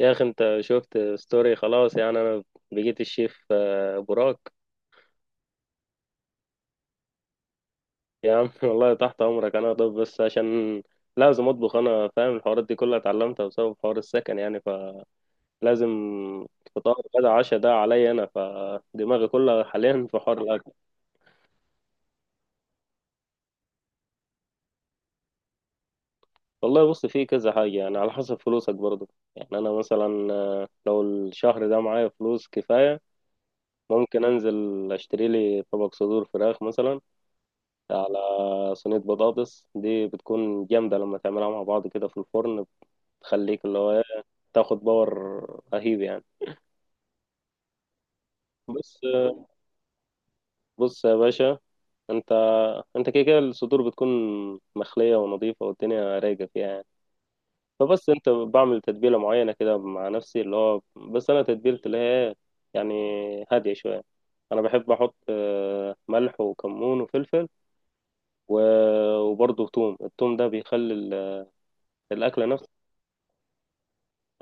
يا اخي، انت شفت ستوري خلاص. يعني انا بقيت الشيف براك. يا عم والله تحت امرك انا. طب بس عشان لازم اطبخ، انا فاهم الحوارات دي كلها اتعلمتها بسبب حوار السكن يعني، فلازم فطار غدا عشاء ده عليا انا. فدماغي كلها حاليا في حوار الاكل. والله بص، في كذا حاجه يعني، على حسب فلوسك برضه. يعني انا مثلا لو الشهر ده معايا فلوس كفايه ممكن انزل اشتري لي طبق صدور فراخ مثلا على صينية بطاطس. دي بتكون جامدة لما تعملها مع بعض كده في الفرن، بتخليك اللي هو تاخد باور رهيب يعني. بص بص يا باشا. انت انت كده كده الصدور بتكون مخلية ونظيفة والدنيا رايقة فيها يعني. فبس انت بعمل تتبيلة معينة كده مع نفسي، اللي هو بس انا تتبيلتي اللي هي يعني هادية شوية. انا بحب احط ملح وكمون وفلفل و- وبرضه ثوم. الثوم ده بيخلي الاكله نفسها.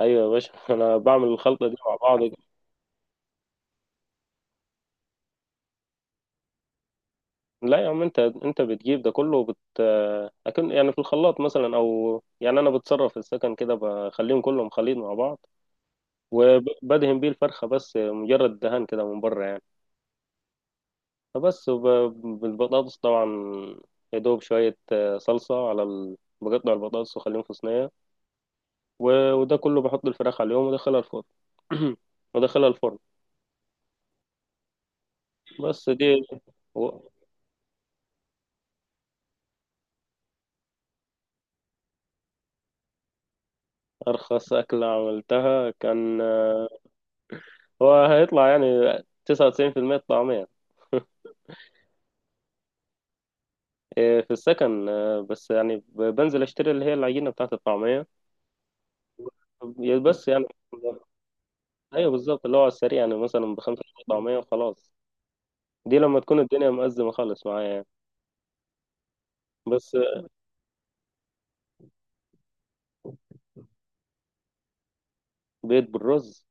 ايوه يا باشا انا بعمل الخلطه دي مع بعض. لا يا عم، انت بتجيب ده كله اكن يعني في الخلاط مثلا، او يعني انا بتصرف في السكن كده بخليهم كلهم خليط مع بعض، وبدهن بيه الفرخه بس مجرد دهان كده من بره يعني. فبس وب- بالبطاطس طبعا. يا دوب شويه صلصه على بقطع البطاطس واخليهم في صينيه وده كله بحط الفراخ عليهم وادخلها الفرن وادخلها الفرن. بس دي و- ارخص اكله عملتها كان هو هيطلع يعني 99% الطعمية في السكن بس يعني بنزل اشتري اللي هي العجينة بتاعة الطعمية. يا بس يعني ايوه بالظبط، اللي هو على السريع يعني، مثلا بخمسة جنيه طعمية وخلاص. دي لما تكون الدنيا مأزمة خالص معايا يعني. بس بيض بالرز.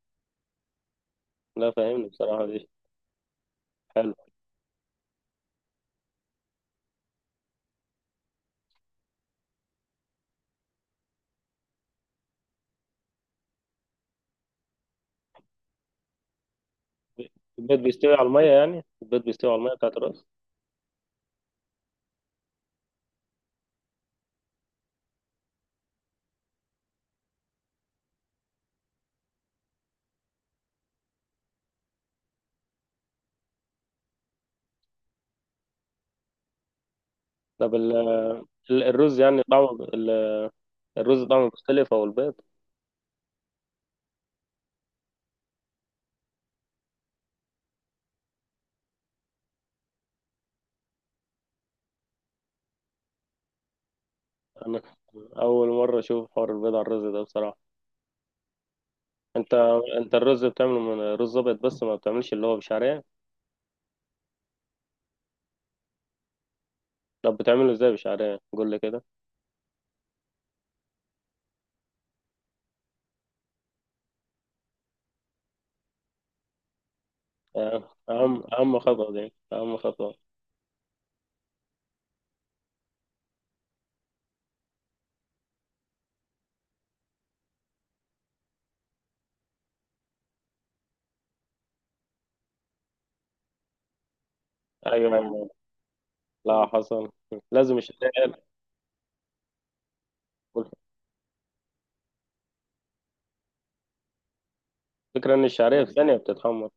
لا، فاهمني بصراحة دي حلو. البيض بيستوي على المية، يعني البيض بيستوي على المية بتاعة الرز. طب الرز يعني طعمه الرز طعمه مختلف أو البيض. أنا أول مرة أشوف حوار البيض على الرز ده بصراحة. انت انت الرز بتعمله من رز ابيض بس، ما بتعملش اللي هو بشعريه. طب بتعمله ازاي بشعريه، قول لي كده. اه، اهم اهم خطوه، دي اهم خطوه. ايوه. لا حصل. لازم الشعريه. الفكره ان الشعريه في ثانيه بتتحمر.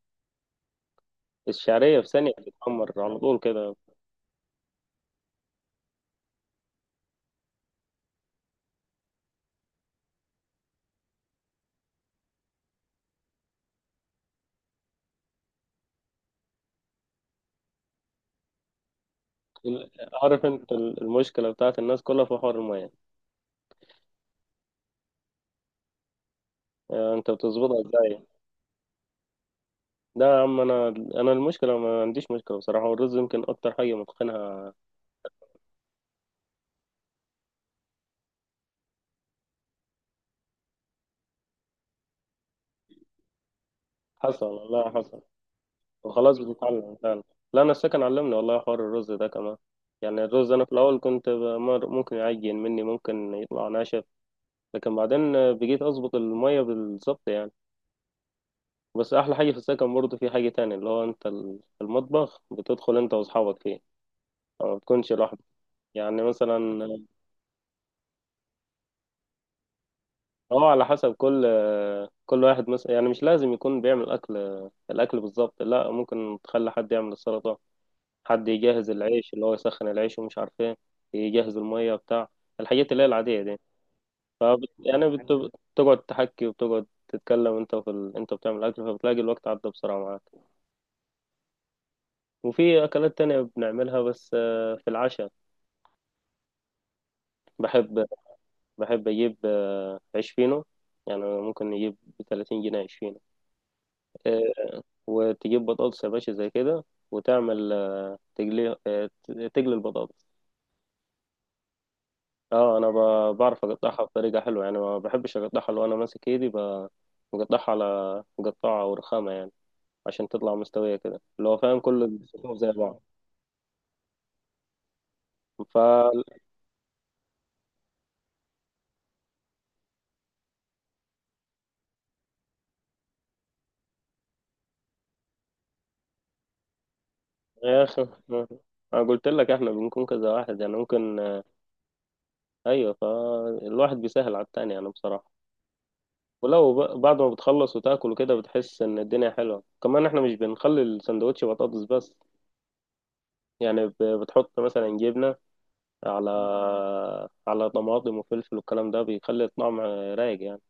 الشعريه في ثانيه بتتحمر على طول كده. ال- عارف انت المشكله بتاعت الناس كلها في حوار الميه. اه، انت بتظبطها ازاي؟ ده يا عم انا المشكله ما عنديش مشكله بصراحه، والرز يمكن اكتر حاجه متقنها. حصل. لا حصل. وخلاص بتتعلم فعلا. لا انا السكن علمني والله، حوار الرز ده كمان. يعني الرز انا في الاول كنت ممكن يعجن مني، ممكن يطلع ناشف. لكن بعدين بقيت اظبط المية بالظبط يعني. بس احلى حاجة في السكن برضه في حاجة تانية، اللي هو انت في المطبخ بتدخل انت واصحابك فيه، ما بتكونش لوحدك. يعني مثلا اه، على حسب كل كل واحد مثلا. يعني مش لازم يكون بيعمل اكل الاكل بالظبط. لا، ممكن تخلي حد يعمل السلطة، حد يجهز العيش، اللي هو يسخن العيش ومش عارف ايه، يجهز المية بتاع الحاجات اللي هي العادية دي. فبت... يعني بت... بتقعد تحكي وبتقعد تتكلم انت في انت بتعمل اكل، فبتلاقي الوقت عدى بسرعة معاك. وفي اكلات تانية بنعملها بس في العشاء. بحب بحب اجيب عيش فينو. يعني ممكن نجيب ب 30 جنيه عيش فينو. آه، وتجيب بطاطس يا باشا زي كده، وتعمل تقلي البطاطس. اه، انا بعرف اقطعها بطريقه حلوه يعني. ما بحبش اقطعها لو انا ماسك ايدي بقطعها على مقطعه او رخامه يعني، عشان تطلع مستويه كده، اللي هو فاهم كل الصفوف زي بعض. ف يا اخي انا قلت لك احنا بنكون كذا واحد يعني، ممكن. ايوه فالواحد بيسهل على التاني يعني بصراحه. ولو بعد ما بتخلص وتاكل وكده بتحس ان الدنيا حلوه. كمان احنا مش بنخلي السندوتش بطاطس بس، يعني بتحط مثلا جبنه على طماطم وفلفل، والكلام ده بيخلي الطعم رايق يعني.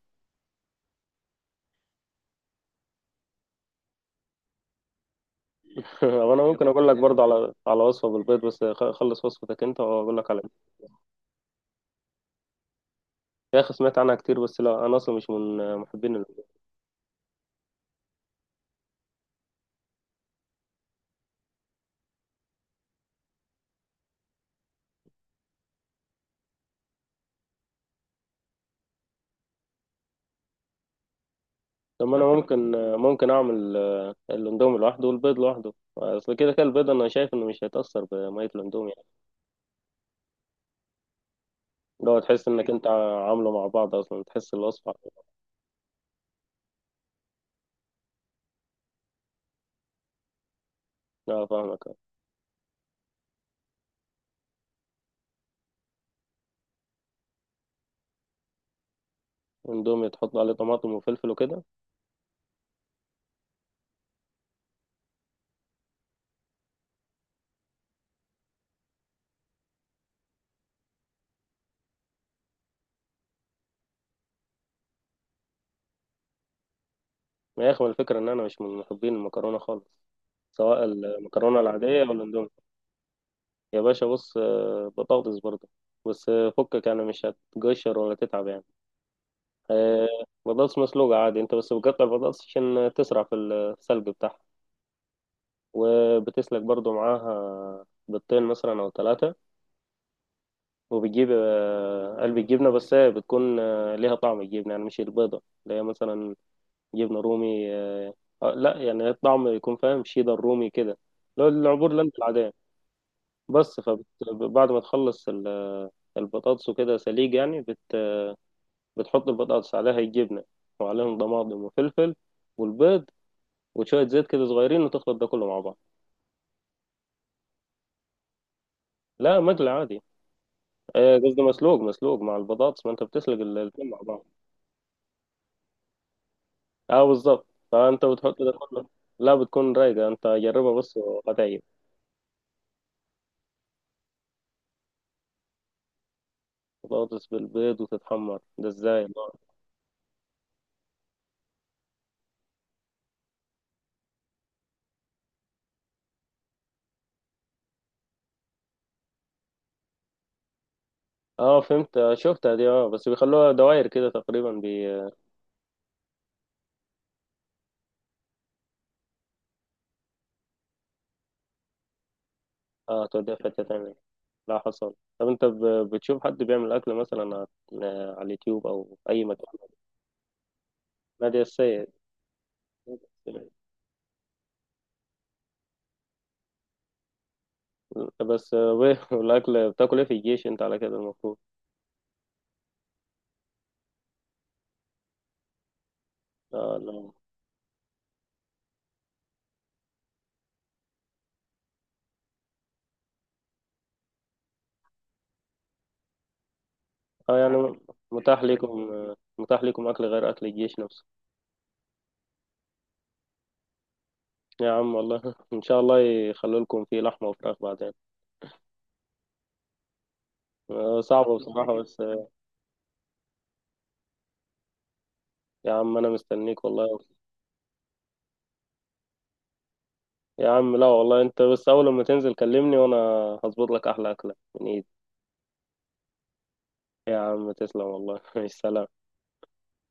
وانا ممكن اقول لك برضه على وصفه بالبيض، بس خلص وصفتك انت واقول لك على دي. يا اخي سمعت عنها كتير بس لا، انا اصلا مش من محبين البيض. طب ما انا ممكن اعمل الاندومي لوحده والبيض لوحده. اصل كده كده البيض انا شايف انه مش هيتاثر بميه الاندومي يعني. لو تحس انك انت عامله مع بعض اصلا تحس الوصفه. اه فاهمك أه. اندومي تحط عليه طماطم وفلفل وكده. يا اخي ما يخمل الفكرة ان انا مش من محبين المكرونة خالص، سواء المكرونة العادية او الاندومي. يا باشا بص بطاطس برضه، بس فكك يعني، مش هتقشر ولا تتعب يعني. آه، بطاطس مسلوقة عادي. انت بس بتقطع البطاطس عشان تسرع في السلق بتاعها، وبتسلق برضه معاها بيضتين مثلا او ثلاثة. وبتجيب قلب الجبنة، بس هي بتكون ليها طعم الجبنة يعني، مش البيضة اللي هي مثلا جبنة رومي لا يعني الطعم يكون فاهم شيدر رومي كده، لو العبور اللي انت العادية. بس فبعد ما تخلص البطاطس وكده سليج يعني، بتحط البطاطس عليها الجبنة، وعليهم طماطم وفلفل والبيض وشوية زيت كده صغيرين، وتخلط ده كله مع بعض. لا، مقلي عادي. قصدي مسلوق مسلوق مع البطاطس، ما انت بتسلق الاتنين مع بعض. اه بالظبط. فانت بتحط ده كله. لا بتكون رايقة، انت جربها بص وهتعجبك. بطاطس بالبيض وتتحمر، ده ازاي؟ اه فهمت، شفتها دي اه، بس بيخلوها دوائر كده تقريبا بي. اه توديها في حتة تانية. لا حصل. طب انت بتشوف حد بيعمل اكل مثلا على على اليوتيوب او اي مكان؟ نادية السيد. بس وإيه؟ والاكل بتاكل ايه في الجيش انت، على كده المفروض؟ اه لا. اه يعني متاح لكم متاح لكم اكل غير اكل الجيش نفسه. يا عم والله ان شاء الله يخلوا لكم فيه لحمة وفراخ بعدين. صعبة بصراحة بس يا عم انا مستنيك والله. يا عم لا والله، انت بس اول ما تنزل كلمني، وانا هظبط لك احلى اكله من ايدي. يا عم تسلم والله سلام.